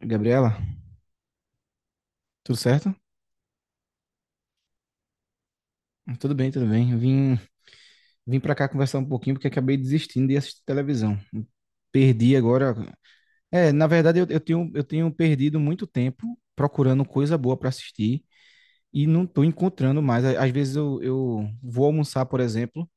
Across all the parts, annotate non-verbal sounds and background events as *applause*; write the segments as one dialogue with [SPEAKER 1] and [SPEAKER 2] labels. [SPEAKER 1] Gabriela, tudo certo? Tudo bem, tudo bem. Vim para cá conversar um pouquinho porque acabei desistindo de assistir televisão. Perdi agora. Na verdade, eu tenho perdido muito tempo procurando coisa boa para assistir e não estou encontrando mais. Às vezes eu vou almoçar, por exemplo,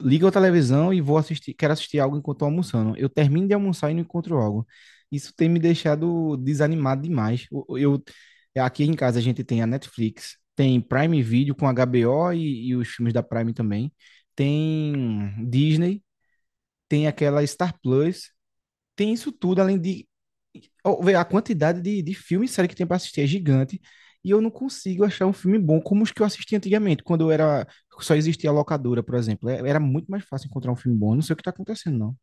[SPEAKER 1] ligo a televisão e vou assistir, quero assistir algo enquanto tô almoçando. Eu termino de almoçar e não encontro algo. Isso tem me deixado desanimado demais. Aqui em casa a gente tem a Netflix, tem Prime Video com HBO e os filmes da Prime também, tem Disney, tem aquela Star Plus, tem isso tudo além de... Ó, vê, a quantidade de filme e série que tem pra assistir é gigante. E eu não consigo achar um filme bom como os que eu assisti antigamente, quando eu era... Só existia a locadora, por exemplo. Era muito mais fácil encontrar um filme bom. Eu não sei o que tá acontecendo, não.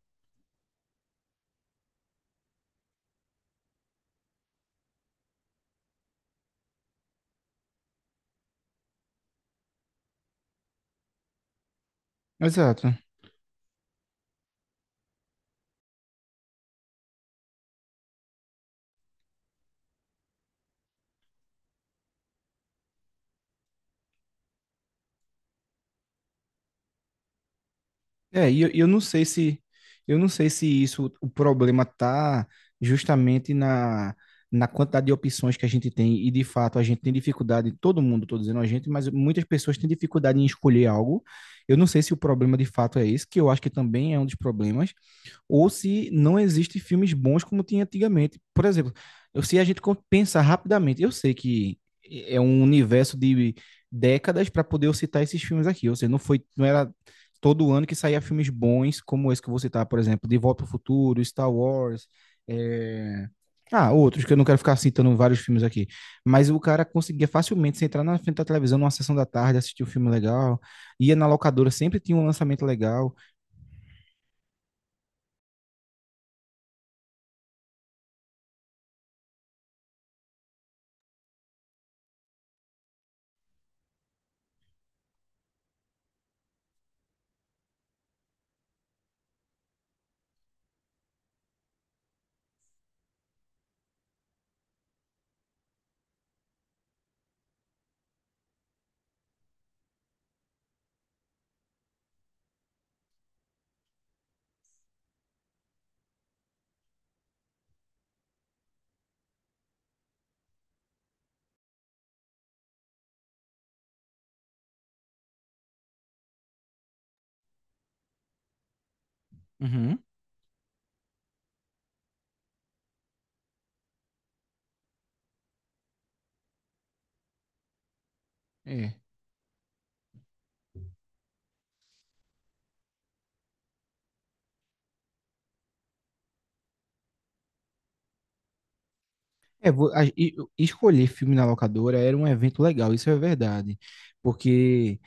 [SPEAKER 1] Exato. E eu não sei se... Eu não sei se isso... O problema tá justamente na... Na quantidade de opções que a gente tem, e de fato a gente tem dificuldade, todo mundo, tô dizendo a gente, mas muitas pessoas têm dificuldade em escolher algo. Eu não sei se o problema de fato é esse, que eu acho que também é um dos problemas, ou se não existem filmes bons como tinha antigamente. Por exemplo, se a gente pensar rapidamente, eu sei que é um universo de décadas para poder eu citar esses filmes aqui. Ou seja, não era todo ano que saía filmes bons como esse que eu vou citar, por exemplo, De Volta ao Futuro, Star Wars. é, Ah, outros, que eu não quero ficar citando vários filmes aqui. Mas o cara conseguia facilmente se entrar na frente da televisão numa sessão da tarde, assistir um filme legal, ia na locadora, sempre tinha um lançamento legal. Uhum. É. É, escolher filme na locadora era um evento legal, isso é verdade. Porque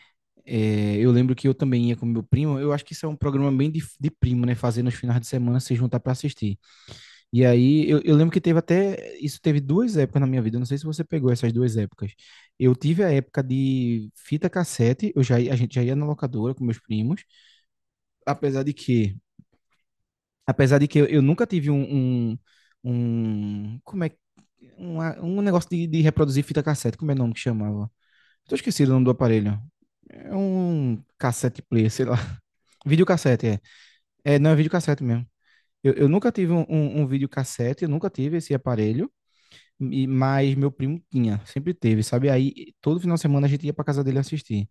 [SPEAKER 1] eu lembro que eu também ia com meu primo, eu acho que isso é um programa bem de primo, né? Fazer nos finais de semana se juntar para assistir. E aí eu lembro que teve até... Isso teve duas épocas na minha vida, eu não sei se você pegou essas duas épocas. Eu tive a época de fita cassete, eu já, a gente já ia na locadora com meus primos, apesar de que... Apesar de que eu nunca tive Como é. Uma- um negócio de reproduzir fita cassete. Como é o nome que chamava? Tô esquecido o nome do aparelho. É um cassete player, sei lá. *laughs* Videocassete, é. É, não, é videocassete mesmo. Eu nunca tive um videocassete, eu nunca tive esse aparelho, mas meu primo tinha, sempre teve, sabe? Aí todo final de semana a gente ia pra casa dele assistir.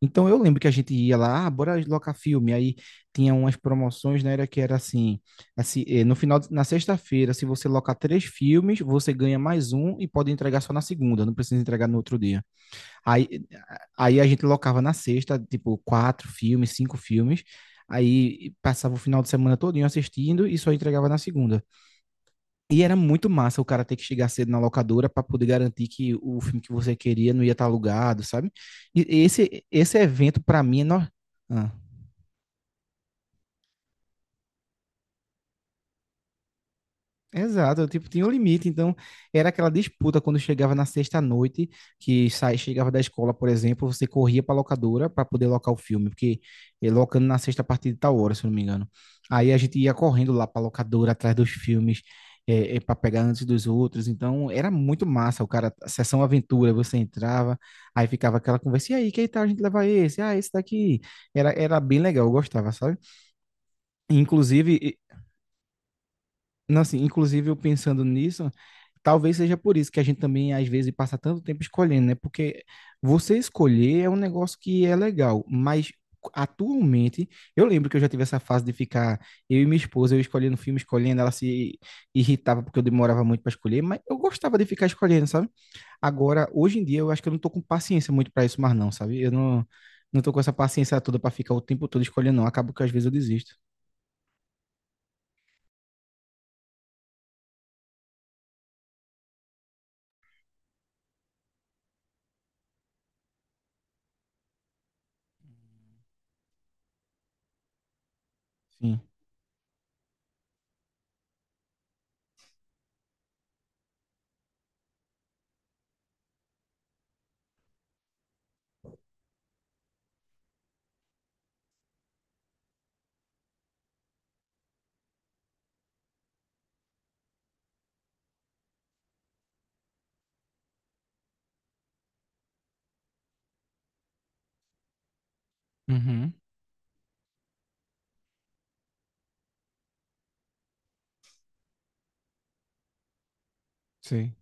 [SPEAKER 1] Então eu lembro que a gente ia lá, ah, bora locar filme. Aí tinha umas promoções, né? Era que era assim, no final, na sexta-feira, se você locar três filmes, você ganha mais um e pode entregar só na segunda, não precisa entregar no outro dia. Aí, aí a gente locava na sexta, tipo, quatro filmes, cinco filmes. Aí passava o final de semana todinho assistindo e só entregava na segunda. E era muito massa o cara ter que chegar cedo na locadora para poder garantir que o filme que você queria não ia estar alugado, sabe? E esse evento, para mim, é... No... Ah. Exato, eu, tipo, tinha um limite, então era aquela disputa quando chegava na sexta-noite, que sai, chegava da escola, por exemplo, você corria para locadora para poder locar o filme, porque locando na sexta a partir de tal hora, se eu não me engano. Aí a gente ia correndo lá para locadora atrás dos filmes, para pegar antes dos outros, então era muito massa, o cara, a sessão aventura, você entrava, aí ficava aquela conversa, e aí, que tal a gente levar esse? Ah, esse daqui. Era bem legal, eu gostava, sabe? Inclusive, não, assim, inclusive, eu pensando nisso, talvez seja por isso que a gente também, às vezes, passa tanto tempo escolhendo, né? Porque você escolher é um negócio que é legal, mas atualmente, eu lembro que eu já tive essa fase de ficar eu e minha esposa, eu escolhendo filme, escolhendo, ela se irritava porque eu demorava muito para escolher, mas eu gostava de ficar escolhendo, sabe? Agora, hoje em dia, eu acho que eu não tô com paciência muito para isso mais não, sabe? Eu não não tô com essa paciência toda para ficar o tempo todo escolhendo, não. Acabo que às vezes eu desisto. Sim. Uhum, sei.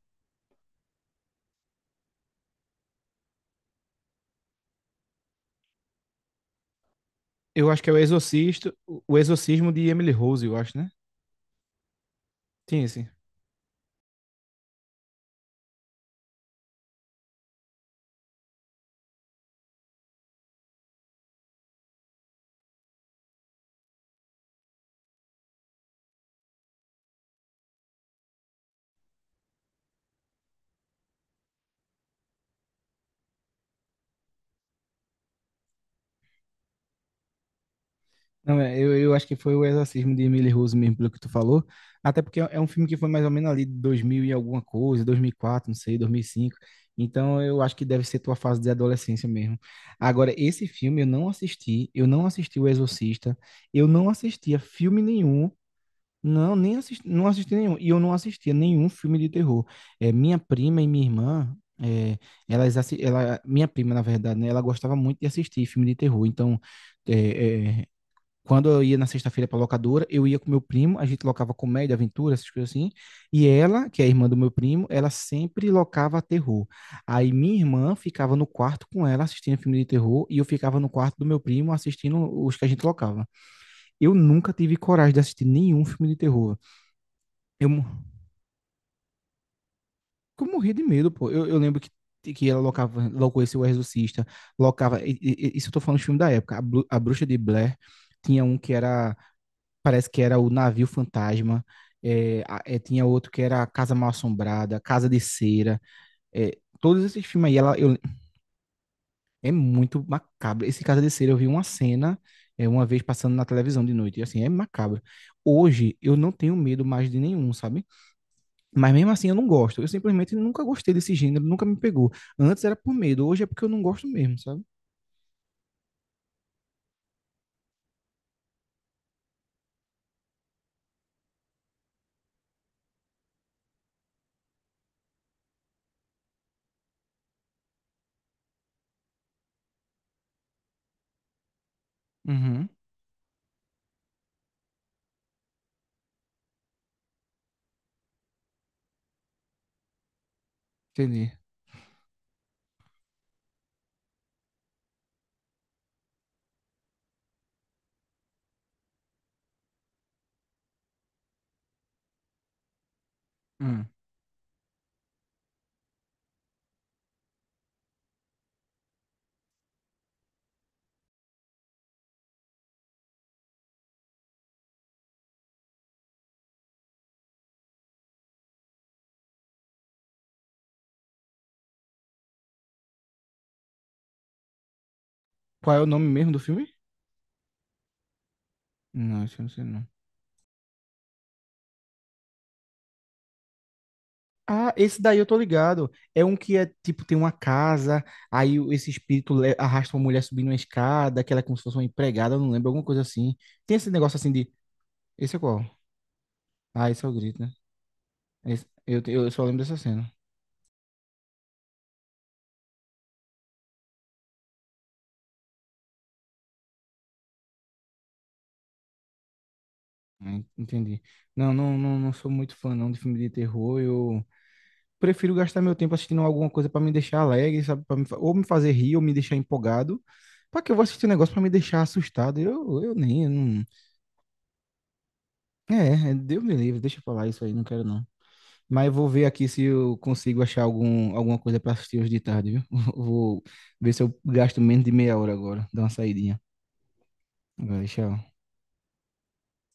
[SPEAKER 1] Eu acho que é o Exorcisto, o Exorcismo de Emily Rose, eu acho, né? Tem esse. Não, é, eu acho que foi o Exorcismo de Emily Rose mesmo, pelo que tu falou. Até porque é um filme que foi mais ou menos ali de 2000 e alguma coisa, 2004, não sei, 2005. Então eu acho que deve ser tua fase de adolescência mesmo. Agora, esse filme eu não assisti O Exorcista, eu não assistia filme nenhum. Não, nem assisti, não assisti nenhum. E eu não assistia nenhum filme de terror. É, minha prima e minha irmã, é, elas, ela, minha prima, na verdade, né, ela gostava muito de assistir filme de terror. Então, é, é, quando eu ia na sexta-feira para locadora, eu ia com meu primo, a gente locava comédia, aventura, essas coisas assim. E ela, que é a irmã do meu primo, ela sempre locava terror. Aí minha irmã ficava no quarto com ela assistindo filme de terror e eu ficava no quarto do meu primo assistindo os que a gente locava. Eu nunca tive coragem de assistir nenhum filme de terror, eu, eu morria de medo, pô. Eu lembro que ela locava, locou esse O Exorcista, locava. Isso eu tô falando de filme da época. A, a Bruxa de Blair, tinha um que era... Parece que era o Navio Fantasma. É, é, tinha outro que era a Casa Mal Assombrada, Casa de Cera. É, todos esses filmes aí, é muito macabro. Esse Casa de Cera, eu vi uma cena uma vez passando na televisão de noite. E assim, é macabro. Hoje, eu não tenho medo mais de nenhum, sabe? Mas mesmo assim eu não gosto. Eu simplesmente nunca gostei desse gênero, nunca me pegou. Antes era por medo, hoje é porque eu não gosto mesmo, sabe? Uhum. Entendi. Hum. Qual é o nome mesmo do filme? Não, acho que não sei não. Ah, esse daí eu tô ligado. É um que é tipo, tem uma casa, aí esse espírito arrasta uma mulher subindo uma escada, que ela é como se fosse uma empregada, eu não lembro, alguma coisa assim. Tem esse negócio assim de... Esse é qual? Ah, esse é o grito, né? Eu só lembro dessa cena. Ah, Entendi. Não, não sou muito fã não de filme de terror. Prefiro gastar meu tempo assistindo alguma coisa para me deixar alegre, sabe? Pra me ou me fazer rir, ou me deixar empolgado. Para que eu vou assistir um negócio para me deixar assustado? Eu nem. Eu não... É, é, Deus me livre, deixa eu falar isso aí, não quero não. Mas eu vou ver aqui se eu consigo achar algum, alguma coisa para assistir hoje de tarde, viu? *laughs* Vou ver se eu gasto menos de meia hora agora, dá uma saidinha. Vai, tchau.